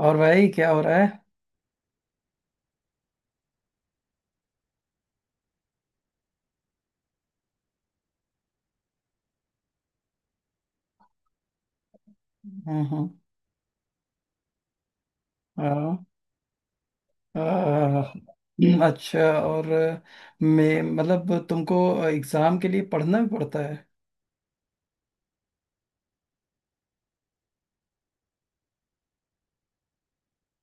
और भाई क्या हो रहा है। हाँ हाँ। हाँ, हाँ, अच्छा। और मैं मतलब तुमको एग्जाम के लिए पढ़ना भी पड़ता है।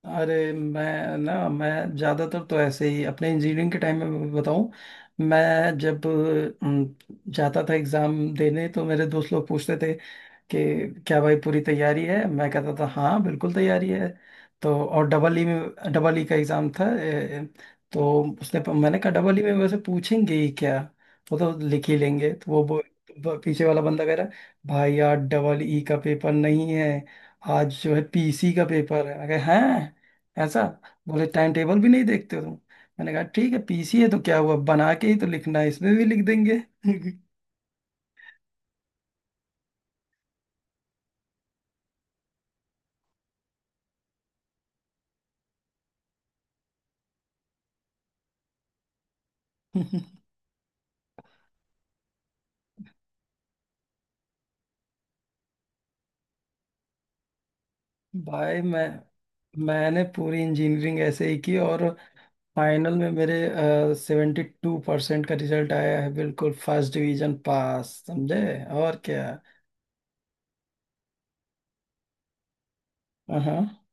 अरे मैं ज़्यादातर तो ऐसे ही अपने इंजीनियरिंग के टाइम में बताऊं, मैं जब अम, जाता था एग्ज़ाम देने तो मेरे दोस्त लोग पूछते थे कि क्या भाई पूरी तैयारी है। मैं कहता था हाँ बिल्कुल तैयारी है। तो और डबल ई में डबल ई का एग्ज़ाम था। तो उसने मैंने कहा डबल ई में वैसे पूछेंगे ही क्या, वो तो लिख ही लेंगे। तो वो वो पीछे वाला बंदा कह रहा है भाई आज डबल ई का पेपर नहीं है, आज जो है पीसी का पेपर है। मैं कहा हैं ऐसा। बोले टाइम टेबल भी नहीं देखते हो तुम। मैंने कहा ठीक है पीसी है तो क्या हुआ, बना के ही तो लिखना है, इसमें भी लिख देंगे। भाई, मैंने पूरी इंजीनियरिंग ऐसे ही की और फाइनल में मेरे सेवेंटी टू परसेंट का रिजल्ट आया है, बिल्कुल फर्स्ट डिवीजन पास समझे। और क्या। हाँ।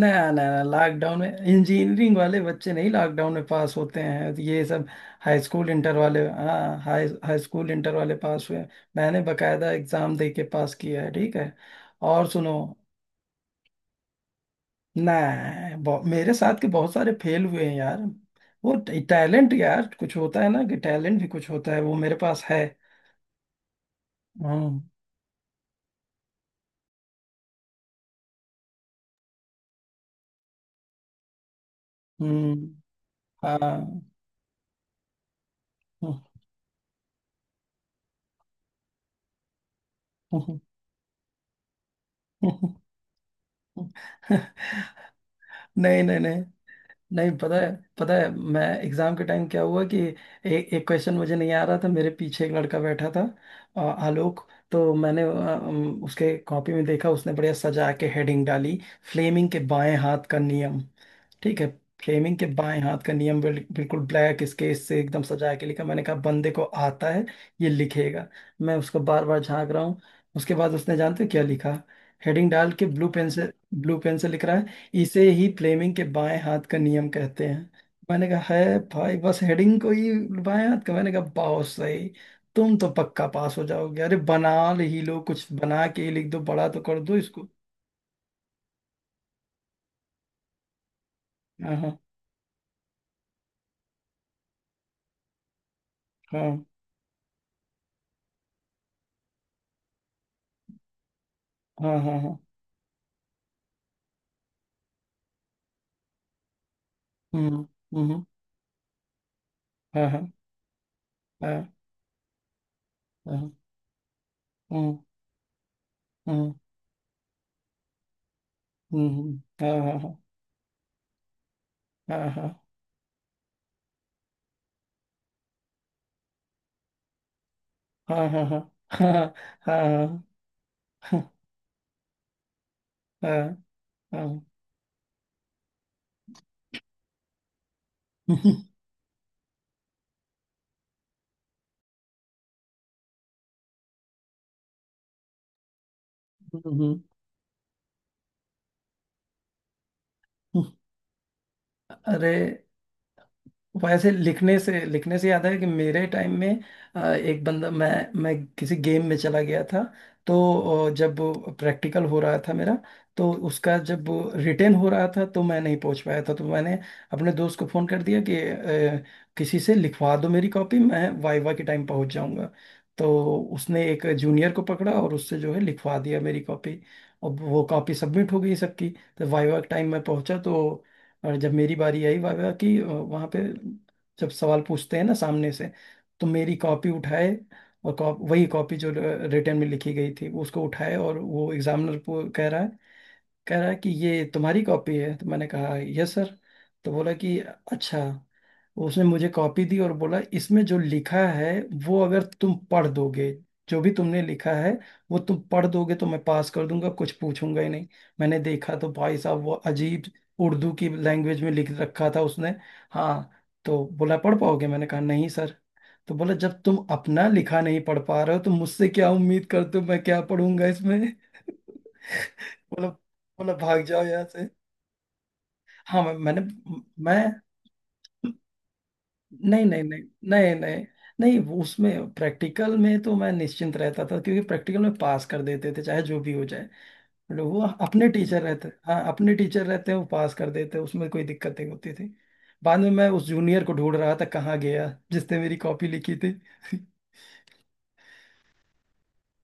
नया नया लॉकडाउन में इंजीनियरिंग वाले बच्चे नहीं, लॉकडाउन में पास होते हैं ये सब हाई स्कूल इंटर वाले। हाँ हाई हाई स्कूल इंटर वाले पास हुए हैं। मैंने बकायदा एग्जाम दे के पास किया है, ठीक है। और सुनो। ना। मेरे साथ के बहुत सारे फेल हुए हैं यार। वो टैलेंट यार कुछ होता है ना कि टैलेंट भी कुछ होता है, वो मेरे पास है। हम्म। हम्म, हाँ। नहीं नहीं नहीं। नहीं पता है। पता है मैं एग्जाम के टाइम क्या हुआ कि एक क्वेश्चन मुझे नहीं आ रहा था। मेरे पीछे एक लड़का बैठा था आलोक। तो मैंने उसके कॉपी में देखा, उसने बढ़िया सजा के हेडिंग डाली, फ्लेमिंग के बाएं हाथ का नियम। ठीक है। फ्लेमिंग के बाएं हाथ का नियम बिल्कुल ब्लैक स्केच से एकदम सजा के लिखा। मैंने कहा बंदे को आता है, ये लिखेगा। मैं उसको बार बार झांक रहा हूँ। उसके बाद उसने जानते हो क्या लिखा, हेडिंग डाल के ब्लू पेन से, ब्लू पेन से लिख रहा है, इसे ही फ्लेमिंग के बाएं हाथ का नियम कहते हैं। मैंने कहा है भाई, बस हेडिंग को ही बाएं हाथ का। मैंने कहा बहुत सही, तुम तो पक्का पास हो जाओगे। अरे बना ही लो, कुछ बना के ही लिख दो, बड़ा तो कर दो इसको। हाँ हाँ हाँ। हाँ हाँ हाँ। हम्म। हम्म हाँ हाँ। हाँ हाँ। हम्म। हम्म हम्म। हाँ हाँ हाँ हाँ हाँ। हाँ हाँ हाँ। हाँ हाँ हाँ। हाँ, हाँ, हाँ, हम्म, हम्म, अरे वैसे लिखने से याद है कि मेरे टाइम में एक बंदा, मैं किसी गेम में चला गया था। तो जब प्रैक्टिकल हो रहा था मेरा तो उसका जब रिटेन हो रहा था, तो मैं नहीं पहुंच पाया था। तो मैंने अपने दोस्त को फ़ोन कर दिया कि किसी से लिखवा दो मेरी कॉपी, मैं वाइवा के टाइम पहुंच जाऊंगा। तो उसने एक जूनियर को पकड़ा और उससे जो है लिखवा दिया मेरी कॉपी। अब वो कॉपी सबमिट हो गई सबकी। तो वाइवा के टाइम मैं पहुंचा तो, और जब मेरी बारी आई वाह वाह की वहाँ पे, जब सवाल पूछते हैं ना सामने से, तो मेरी कॉपी उठाए, और कॉप वही कॉपी जो रिटर्न में लिखी गई थी उसको उठाए, और वो एग्जामिनर को कह रहा है, कह रहा कि ये तुम्हारी कॉपी है। तो मैंने कहा यस सर। तो बोला कि अच्छा, तो उसने मुझे कॉपी दी और बोला इसमें जो लिखा है वो अगर तुम पढ़ दोगे, जो भी तुमने लिखा है वो तुम पढ़ दोगे तो मैं पास कर दूंगा, कुछ पूछूंगा ही नहीं। मैंने देखा तो भाई साहब वो अजीब उर्दू की लैंग्वेज में लिख रखा था उसने। हाँ। तो बोला पढ़ पाओगे। मैंने कहा नहीं सर। तो बोला जब तुम अपना लिखा नहीं पढ़ पा रहे हो तो मुझसे क्या उम्मीद करते हो, मैं क्या पढ़ूंगा इसमें। मतलब, मतलब भाग जाओ यहाँ से। हाँ मैं, मैंने मैं नहीं नहीं नहीं। नहीं नहीं। नहीं, वो उसमें प्रैक्टिकल में तो मैं निश्चिंत रहता था क्योंकि प्रैक्टिकल में पास कर देते थे चाहे जो भी हो जाए। मतलब वो अपने टीचर रहते, हाँ अपने टीचर रहते हैं, वो पास कर देते, उसमें कोई दिक्कत नहीं होती थी। बाद में मैं उस जूनियर को ढूंढ रहा था कहाँ गया जिसने मेरी कॉपी लिखी थी।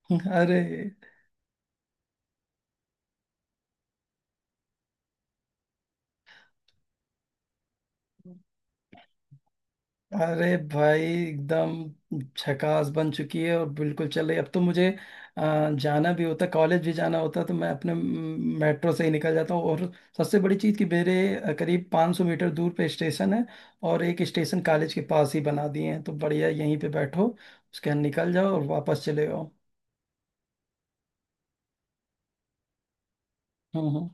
अरे। अरे भाई एकदम झकास बन चुकी है और बिल्कुल चल रही है। अब तो मुझे जाना भी होता, कॉलेज भी जाना होता तो मैं अपने मेट्रो से ही निकल जाता हूँ। और सबसे बड़ी चीज़ कि मेरे करीब 500 मीटर दूर पे स्टेशन है, और एक स्टेशन कॉलेज के पास ही बना दिए हैं, तो बढ़िया यहीं पे बैठो, उसके बाद निकल जाओ और वापस चले जाओ। हम्म।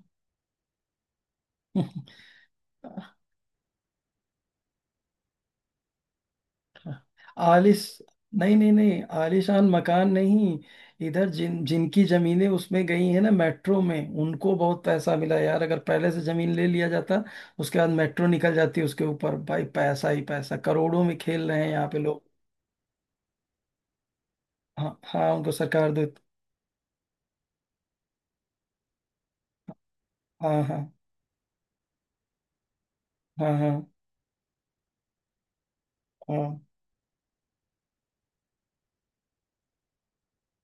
हम्म। आलिस नहीं नहीं नहीं, आलिशान मकान नहीं। इधर जिनकी जमीनें उसमें गई हैं ना मेट्रो में, उनको बहुत पैसा मिला यार। अगर पहले से जमीन ले लिया जाता, उसके बाद मेट्रो निकल जाती उसके ऊपर, भाई पैसा ही पैसा, करोड़ों में खेल रहे हैं यहाँ पे लोग। हाँ हाँ उनको सरकार दे। हाँ हाँ हाँ। हाँ हाँ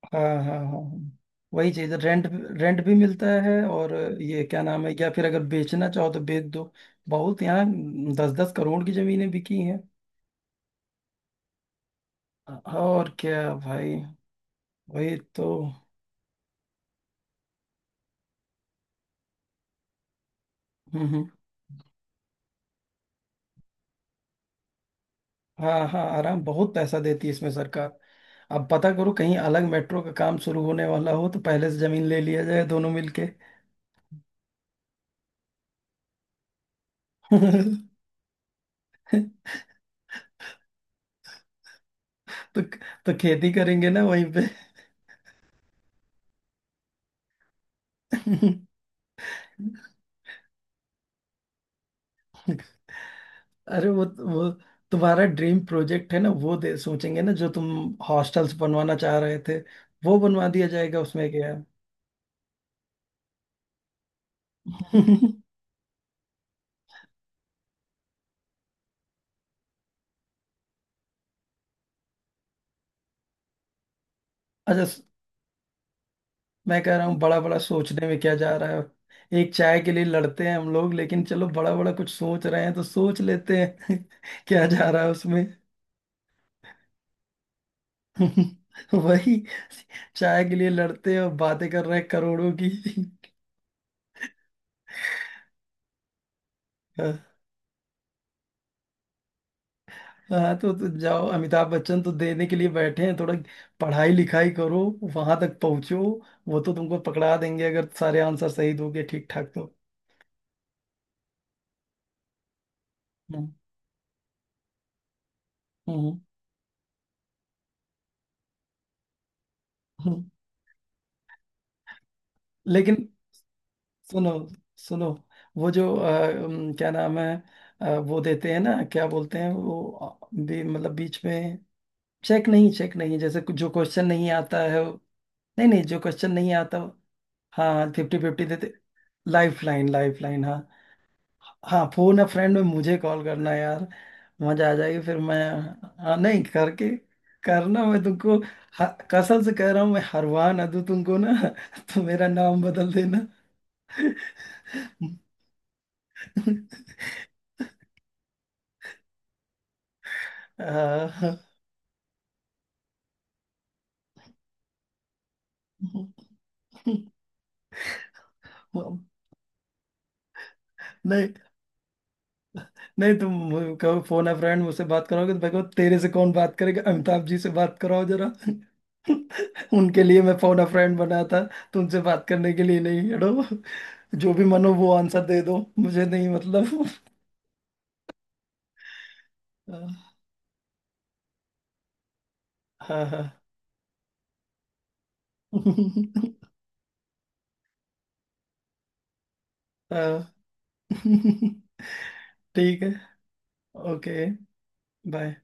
हाँ। हाँ हाँ हाँ। वही चीज रेंट, रेंट भी मिलता है, और ये क्या नाम है, या फिर अगर बेचना चाहो तो बेच दो। बहुत यहाँ दस दस करोड़ की जमीनें बिकी हैं। और क्या भाई। वही तो। हम्म। हाँ हाँ आराम, बहुत पैसा देती है इसमें सरकार। अब पता करो कहीं अलग मेट्रो का काम शुरू होने वाला हो तो पहले से जमीन ले लिया जाए दोनों मिलके। तो तो खेती करेंगे ना वहीं पे। अरे वो तुम्हारा ड्रीम प्रोजेक्ट है ना, वो दे सोचेंगे ना जो तुम हॉस्टल्स बनवाना चाह रहे थे, वो बनवा दिया जाएगा, उसमें क्या। अच्छा, मैं कह रहा हूँ बड़ा बड़ा सोचने में क्या जा रहा है, एक चाय के लिए लड़ते हैं हम लोग, लेकिन चलो बड़ा बड़ा कुछ सोच रहे हैं तो सोच लेते हैं। क्या जा रहा है उसमें। वही, चाय के लिए लड़ते हैं और बातें कर रहे हैं करोड़ों की। हाँ तो जाओ, अमिताभ बच्चन तो देने के लिए बैठे हैं थोड़ा, पढ़ाई लिखाई करो, वहां तक पहुंचो, वो तो तुमको पकड़ा देंगे अगर सारे आंसर सही दोगे ठीक ठाक तो। हम्म, हम्म, हम्म। लेकिन सुनो, सुनो, वो जो क्या नाम है, वो देते हैं ना, क्या बोलते हैं वो भी मतलब बीच में। चेक नहीं, चेक नहीं, जो क्वेश्चन नहीं आता है वो-। नहीं नहीं, जो क्वेश्चन नहीं आता वो-। हाँ फिफ्टी फिफ्टी देते। लाइफ लाइन, लाइफ लाइन, हाँ। हाँ फोन अ फ्रेंड में मुझे कॉल करना यार। मजा आ जाएगी फिर मैं। हाँ नहीं करके करना, मैं तुमको कसम से कह रहा हूँ मैं, हरवा ना दूं तुमको ना तो मेरा नाम बदल देना। आह, नहीं नहीं, तुम कहो फोन है फ्रेंड, मुझसे बात करोगे तो भाई कहो तेरे से कौन बात करेगा, अमिताभ जी से बात कराओ जरा। उनके लिए मैं फोन अ फ्रेंड बना था, तुमसे बात करने के लिए नहीं, हटो, जो भी मन हो वो आंसर दे दो मुझे नहीं मतलब। हाँ हाँ हाँ। ठीक है। ओके। बाय।